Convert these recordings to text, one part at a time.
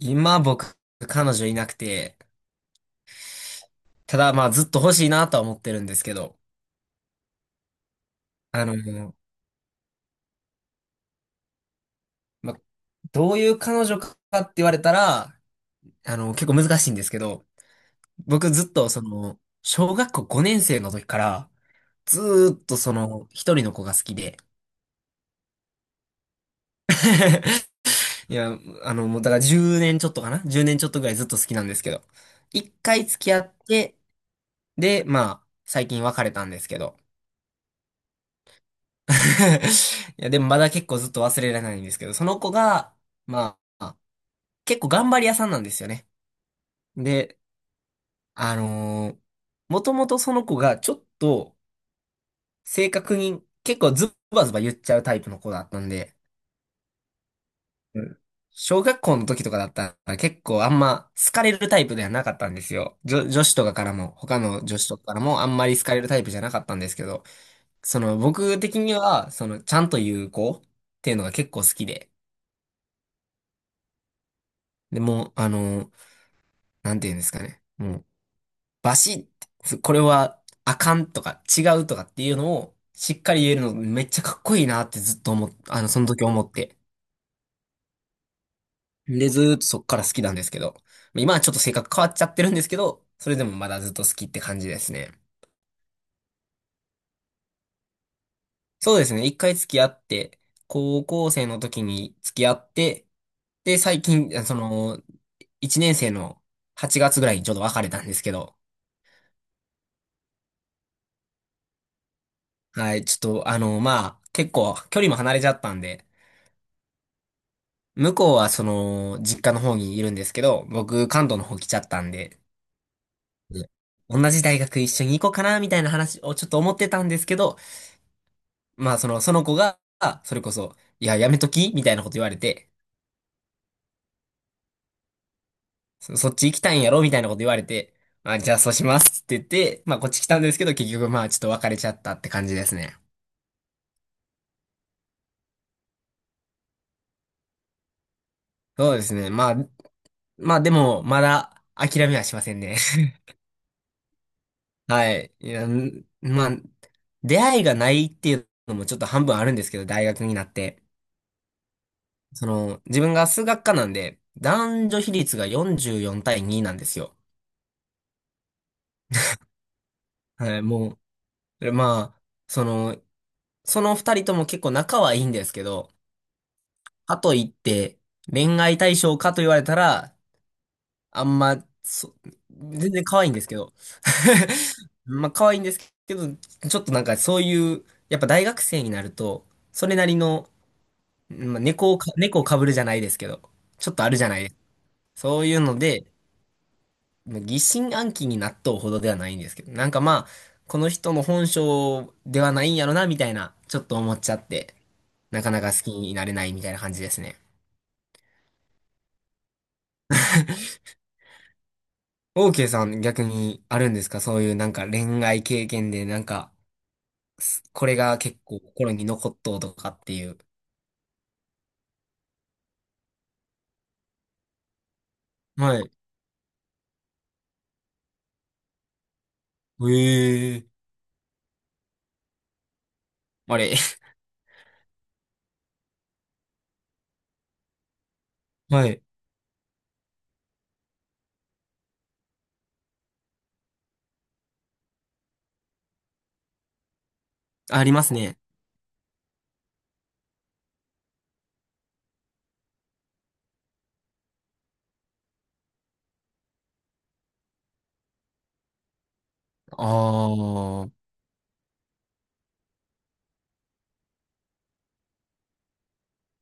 今僕、彼女いなくて、ただまあずっと欲しいなとは思ってるんですけど、あの、まあ、どういう彼女かって言われたら、結構難しいんですけど、僕ずっと小学校5年生の時から、ずーっと一人の子が好きで。いや、もうだから10年ちょっとかな1年ちょっとぐらいずっと好きなんですけど、一回付き合って、で、まあ、最近別れたんですけど、いや、でもまだ結構ずっと忘れられないんですけど、その子が、まあ、結構頑張り屋さんなんですよね。で、あのもともとその子がちょっと正確に結構ズバズバ言っちゃうタイプの子だったんで、うん、小学校の時とかだったら結構あんま好かれるタイプではなかったんですよ。女子とかからも、他の女子とかからもあんまり好かれるタイプじゃなかったんですけど、僕的には、ちゃんと言う子っていうのが結構好きで、でも、なんて言うんですかね。もう、バシッて、これはあかんとか違うとかっていうのをしっかり言えるのめっちゃかっこいいなってずっと思っ、あの、その時思って。で、ずーっとそっから好きなんですけど。今はちょっと性格変わっちゃってるんですけど、それでもまだずっと好きって感じですね。そうですね。一回付き合って、高校生の時に付き合って、で、最近、その、一年生の8月ぐらいにちょうど別れたんですけど、はい、ちょっと、まあ、結構距離も離れちゃったんで、向こうは実家の方にいるんですけど、僕、関東の方来ちゃったんで、ね、同じ大学一緒に行こうかな、みたいな話をちょっと思ってたんですけど、まあ、その子が、それこそ、いや、やめときみたいなこと言われて、そっち行きたいんやろみたいなこと言われて、あ、じゃあそうしますって言って、まあ、こっち来たんですけど、結局、まあ、ちょっと別れちゃったって感じですね。そうですね。まあ、でも、まだ、諦めはしませんね。はい。いや、出会いがないっていうのもちょっと半分あるんですけど、大学になって。その、自分が数学科なんで、男女比率が44対2なんですよ。はい、もう、まあ、その、その二人とも結構仲はいいんですけど、かといって、恋愛対象かと言われたら、あんま、そ、全然可愛いんですけど。まあ、可愛いんですけど、ちょっとなんかそういう、やっぱ大学生になると、それなりの、まあ、猫をかぶるじゃないですけど、ちょっとあるじゃないですか。そういうので、まあ疑心暗鬼になっとうほどではないんですけど、なんかまあ、この人の本性ではないんやろな、みたいな、ちょっと思っちゃって、なかなか好きになれないみたいな感じですね。オーケーさん逆にあるんですか？そういうなんか恋愛経験で、なんか、これが結構心に残っとうとかっていう。はい。ええー、あれ。はい。ありますね。ああ。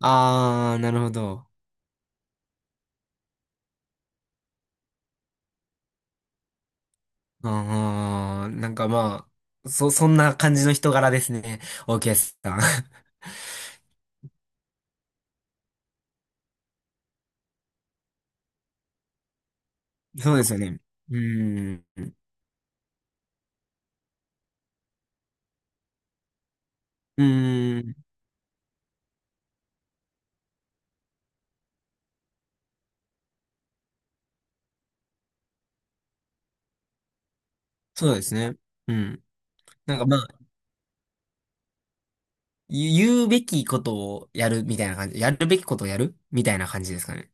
ああ、なるほど。ああ、なんかまあ、そんな感じの人柄ですね。オー OK さん。そうですよね。うーん。うーん。そうですね。うん。なんかまあ、言うべきことをやるみたいな感じ。やるべきことをやるみたいな感じですかね。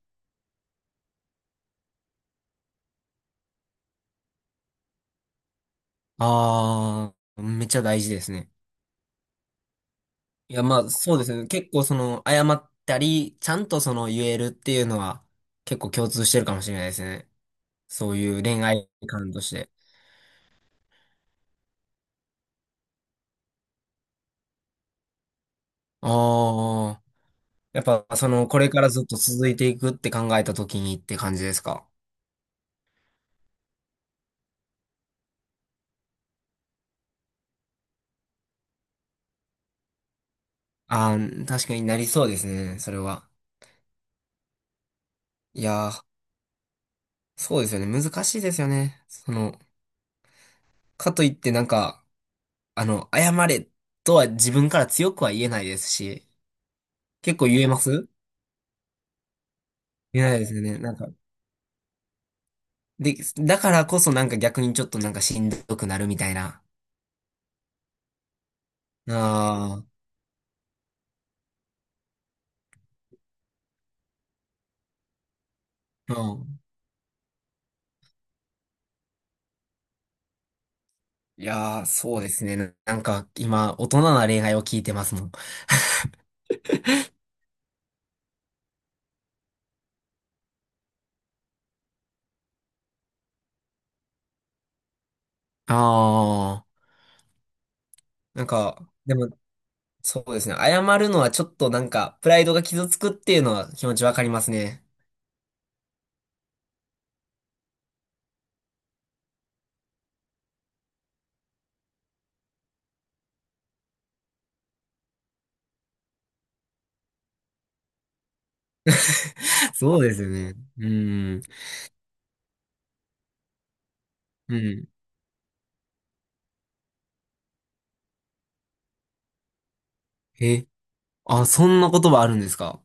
ああ、めっちゃ大事ですね。いやまあ、そうですね。結構謝ったり、ちゃんと言えるっていうのは、結構共通してるかもしれないですね。そういう恋愛観として。ああ。やっぱ、これからずっと続いていくって考えた時にって感じですか？ああー、確かになりそうですね、それは。いやー、そうですよね。難しいですよね。その、かといってなんか、謝れとは自分から強くは言えないですし、結構言えます？言えないですよね。なんか、で、だからこそなんか逆にちょっとなんかしんどくなるみたいな。ああ、うん。いやー、そうですね。なんか、今、大人な恋愛を聞いてますもん。ああ、なんか、でも、そうですね。謝るのはちょっとなんか、プライドが傷つくっていうのは気持ちわかりますね。そうですよね。うん。うん。え、あ、そんな言葉あるんですか？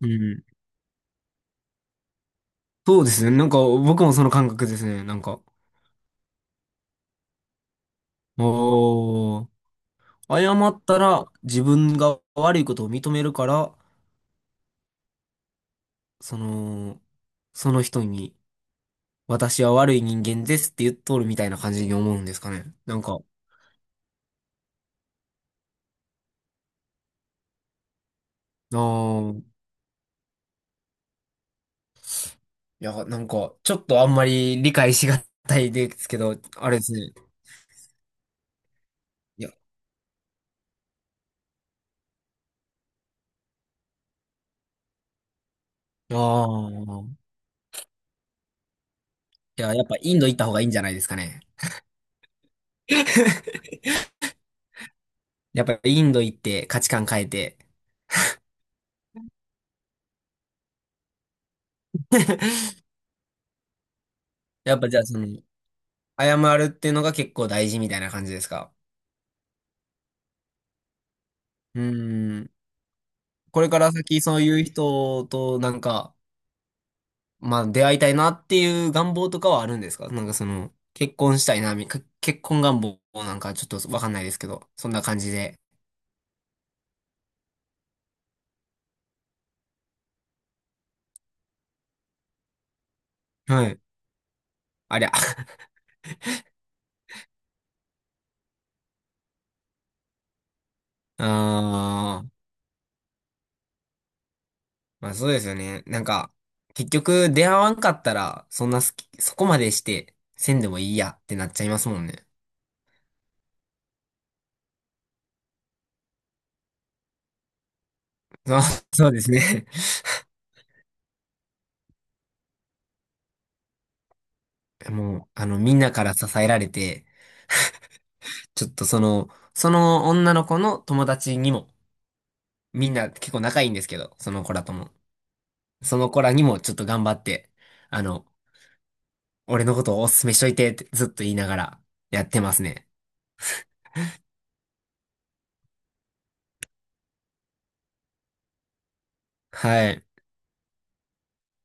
うん。そうですね。なんか、僕もその感覚ですね。なんか、おー、謝ったら自分が悪いことを認めるから、その、その人に、私は悪い人間ですって言っとるみたいな感じに思うんですかね。なんか、あーいや、なんか、ちょっとあんまり理解しがたいですけど、あれですね。いや、ああ。いや、やっぱインド行った方がいいんじゃないですかね。やっぱインド行って価値観変えて、やっぱじゃあ謝るっていうのが結構大事みたいな感じですか。うーん。これから先そういう人となんか、まあ出会いたいなっていう願望とかはあるんですか？なんか結婚したいな、結婚願望なんかちょっとわかんないですけど、そんな感じで。はい。ありゃ。ああ。まあそうですよね。なんか、結局出会わんかったら、そんな好き、そこまでして、せんでもいいやってなっちゃいますもんね。そう、そうですね。もう、みんなから支えられて、ちょっとその女の子の友達にも、みんな結構仲いいんですけど、その子らとも。その子らにもちょっと頑張って、あの、俺のことをおすすめしといてってずっと言いながらやってますね。はい。